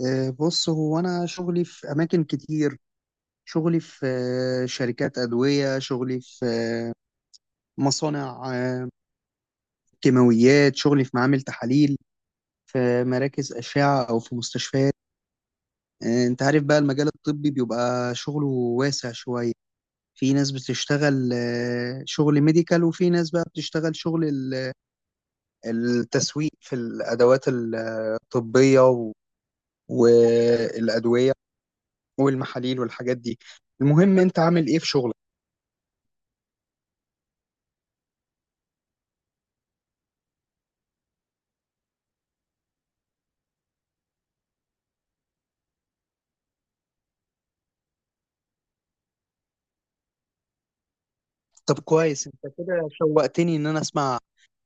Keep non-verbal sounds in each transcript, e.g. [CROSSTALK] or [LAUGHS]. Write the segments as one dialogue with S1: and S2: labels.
S1: بص، هو أنا شغلي في أماكن كتير. شغلي في شركات أدوية. شغلي في مصانع كيماويات. شغلي في معامل تحاليل، في مراكز أشعة أو في مستشفيات. أنت عارف بقى المجال الطبي بيبقى شغله واسع شوية. في ناس بتشتغل شغل ميديكال، وفي ناس بقى بتشتغل شغل التسويق في الأدوات الطبية والأدوية والمحاليل والحاجات دي. المهم أنت عامل إيه في شغلك؟ طب كويس، انت كده شوقتني ان انا اسمع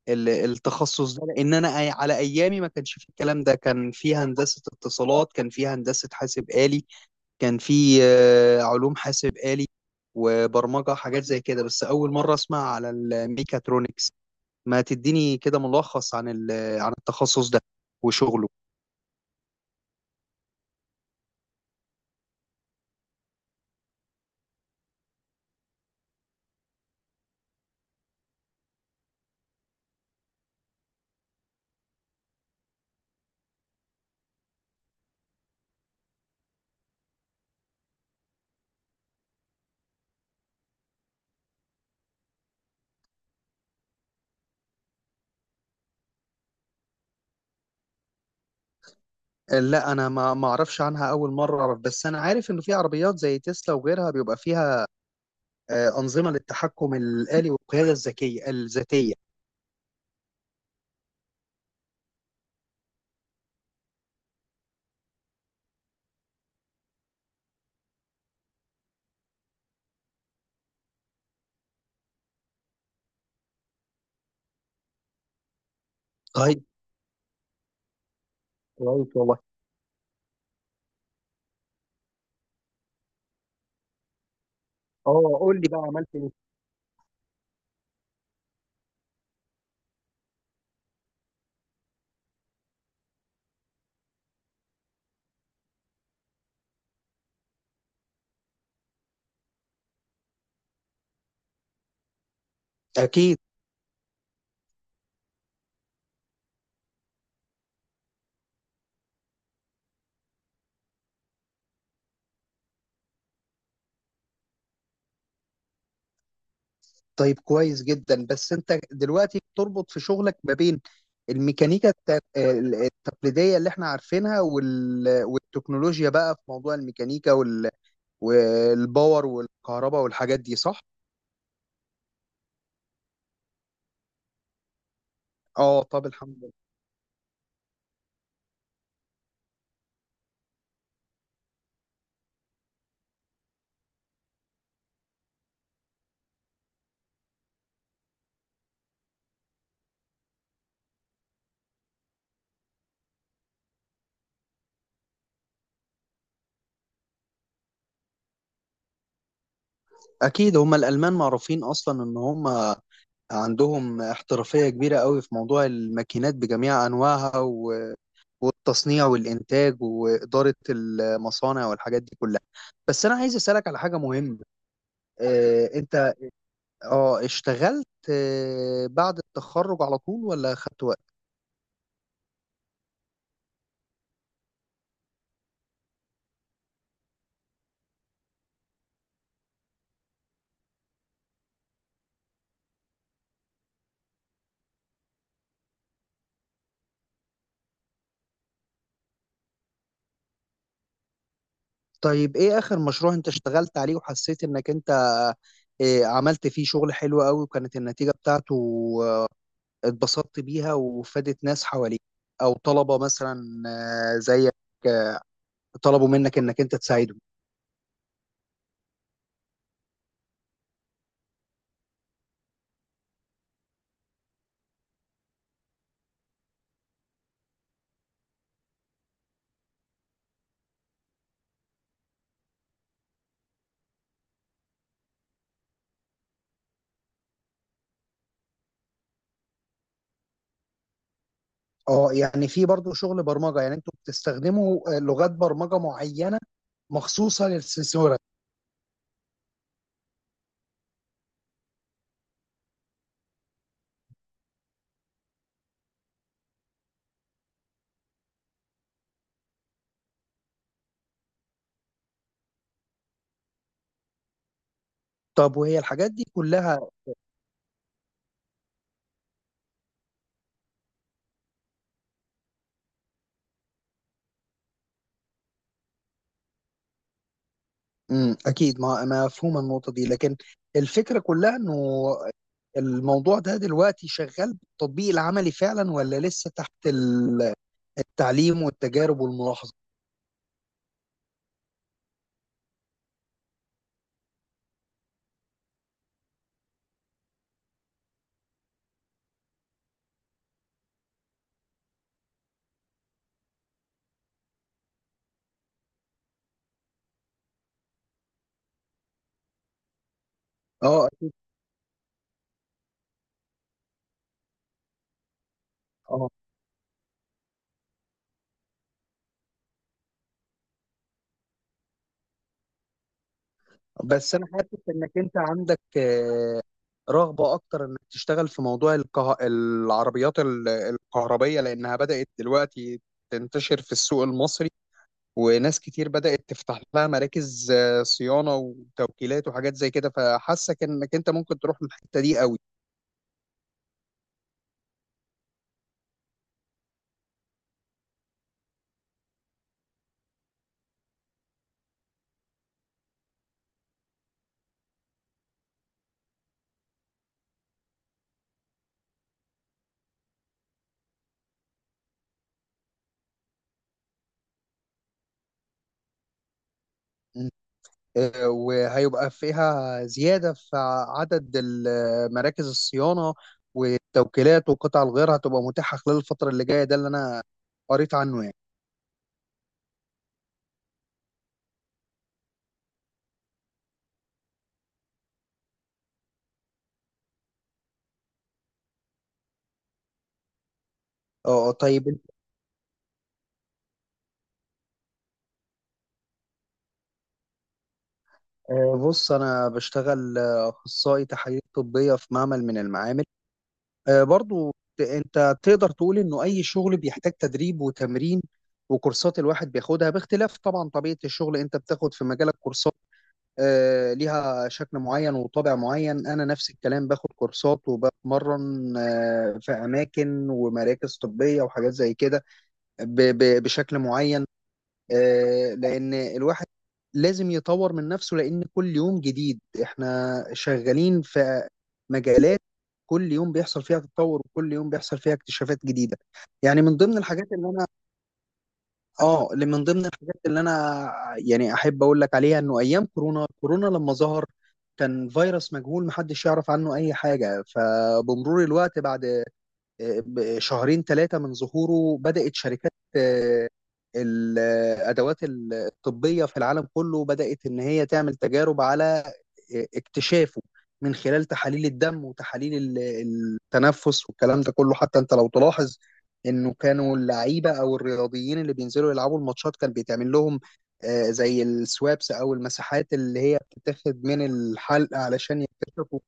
S1: التخصص ده، لان انا على ايامي ما كانش في الكلام ده. كان في هندسة اتصالات، كان في هندسة حاسب آلي، كان في علوم حاسب آلي وبرمجة، حاجات زي كده. بس اول مرة اسمع على الميكاترونكس. ما تديني كده ملخص عن عن التخصص ده وشغله. لا انا ما اعرفش عنها، اول مرة اعرف. بس انا عارف انه في عربيات زي تسلا وغيرها بيبقى فيها انظمة للتحكم الآلي والقيادة الذكية الذاتية. طيب، كويس والله. اه، قول لي بقى، عملت ايه؟ اكيد. طيب كويس جدا. بس انت دلوقتي بتربط في شغلك ما بين الميكانيكا التقليديه اللي احنا عارفينها، والتكنولوجيا، بقى في موضوع الميكانيكا والباور والكهرباء والحاجات دي، صح؟ اه، طب الحمد لله. اكيد، هم الالمان معروفين اصلا ان هم عندهم احترافية كبيرة قوي في موضوع الماكينات بجميع أنواعها والتصنيع والإنتاج وإدارة المصانع والحاجات دي كلها. بس أنا عايز أسألك على حاجة مهمة. أنت اشتغلت بعد التخرج على طول ولا خدت وقت؟ طيب إيه آخر مشروع أنت اشتغلت عليه وحسيت إنك أنت عملت فيه شغل حلو قوي، وكانت النتيجة بتاعته آه، اتبسطت بيها وفادت ناس حواليك، أو طلبة مثلا زيك طلبوا منك انك انت تساعدهم. اه يعني في برضو شغل برمجه؟ يعني انتوا بتستخدموا لغات برمجه معينه مخصوصه للسنسوره؟ طب وهي الحاجات دي كلها؟ امم، اكيد ما مفهومه النقطه دي. لكن الفكره كلها انه الموضوع ده دلوقتي شغال بالتطبيق العملي فعلا، ولا لسه تحت التعليم والتجارب والملاحظه؟ اه. اه بس انا حاسس انك انت عندك رغبه اكتر انك تشتغل في موضوع العربيات الكهربيه، لانها بدات دلوقتي تنتشر في السوق المصري، وناس كتير بدات تفتح لها مراكز صيانه وتوكيلات وحاجات زي كده. فحاسك انك انت ممكن تروح للحته دي قوي. وهيبقى فيها زياده في عدد مراكز الصيانه والتوكيلات، والقطع الغيار هتبقى متاحه خلال الفتره اللي جايه. ده اللي انا قريت عنه يعني. اه طيب بص انا بشتغل اخصائي تحاليل طبيه في معمل من المعامل. برضو انت تقدر تقول انه اي شغل بيحتاج تدريب وتمرين وكورسات الواحد بياخدها، باختلاف طبعا طبيعه الشغل. انت بتاخد في مجالك كورسات ليها شكل معين وطابع معين، انا نفس الكلام، باخد كورسات وبتمرن في اماكن ومراكز طبيه وحاجات زي كده بشكل معين. لان الواحد لازم يطور من نفسه، لان كل يوم جديد، احنا شغالين في مجالات كل يوم بيحصل فيها تطور وكل يوم بيحصل فيها اكتشافات جديدة. يعني من ضمن الحاجات اللي انا... اه، اللي من ضمن الحاجات اللي انا يعني احب اقول لك عليها، انه ايام كورونا، كورونا لما ظهر كان فيروس مجهول محدش يعرف عنه اي حاجة. فبمرور الوقت، بعد شهرين ثلاثة من ظهوره، بدأت شركات الأدوات الطبية في العالم كله بدأت إن هي تعمل تجارب على اكتشافه من خلال تحاليل الدم وتحاليل التنفس والكلام ده كله. حتى أنت لو تلاحظ إنه كانوا اللعيبة أو الرياضيين اللي بينزلوا يلعبوا الماتشات كان بيتعمل لهم زي السوابس أو المساحات اللي هي بتتاخد من الحلق علشان يكتشفوا.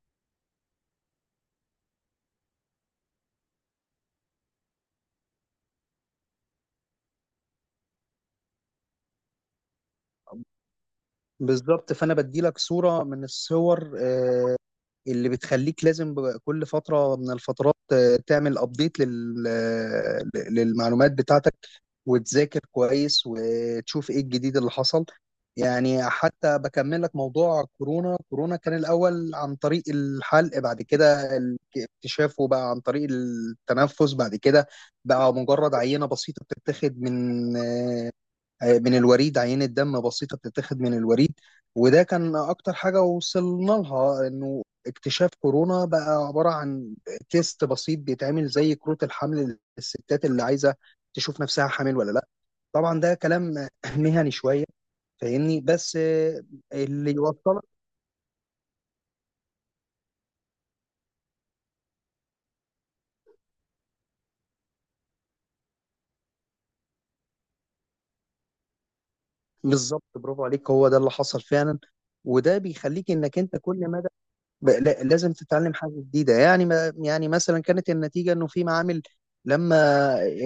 S1: بالظبط. فانا بدي لك صوره من الصور اللي بتخليك لازم كل فترة من الفترات تعمل ابديت للمعلومات بتاعتك وتذاكر كويس وتشوف ايه الجديد اللي حصل. يعني حتى بكمل لك موضوع كورونا، كورونا كان الأول عن طريق الحلق. بعد كده اكتشافه بقى عن طريق التنفس. بعد كده بقى مجرد عينة بسيطة بتتاخد من من الوريد، عينة دم بسيطة بتتاخد من الوريد. وده كان أكتر حاجة وصلنا لها، إنه اكتشاف كورونا بقى عبارة عن تيست بسيط بيتعمل زي كروت الحمل للستات اللي عايزة تشوف نفسها حامل ولا لأ. طبعا ده كلام [LAUGHS] مهني شوية فاهمني. بس اللي يوصلك... بالظبط، برافو عليك، هو ده اللي حصل فعلا. وده بيخليك إنك أنت كل ما... لازم تتعلم حاجة جديدة. يعني ما يعني مثلا كانت النتيجة انه في معامل لما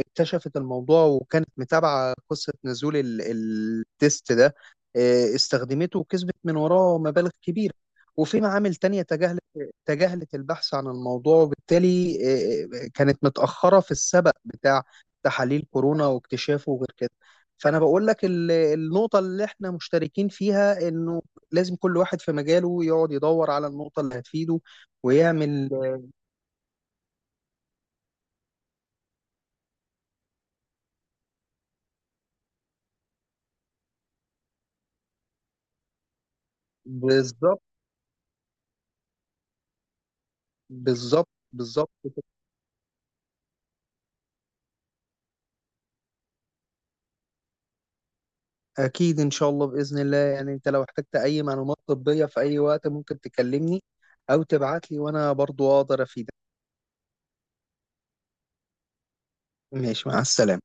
S1: اكتشفت الموضوع وكانت متابعة قصة نزول التيست ده استخدمته وكسبت من وراه مبالغ كبيرة، وفي معامل تانية تجاهلت البحث عن الموضوع، وبالتالي كانت متأخرة في السبق بتاع تحاليل كورونا واكتشافه وغير كده. فأنا بقول لك النقطة اللي احنا مشتركين فيها، انه لازم كل واحد في مجاله يقعد يدور على النقطة اللي هتفيده ويعمل... بالظبط. بالظبط، بالظبط كده. أكيد إن شاء الله، بإذن الله يعني. أنت لو احتجت أي معلومات طبية في أي وقت ممكن تكلمني أو تبعت لي، وأنا برضو أقدر أفيدك. ماشي، مع السلامة.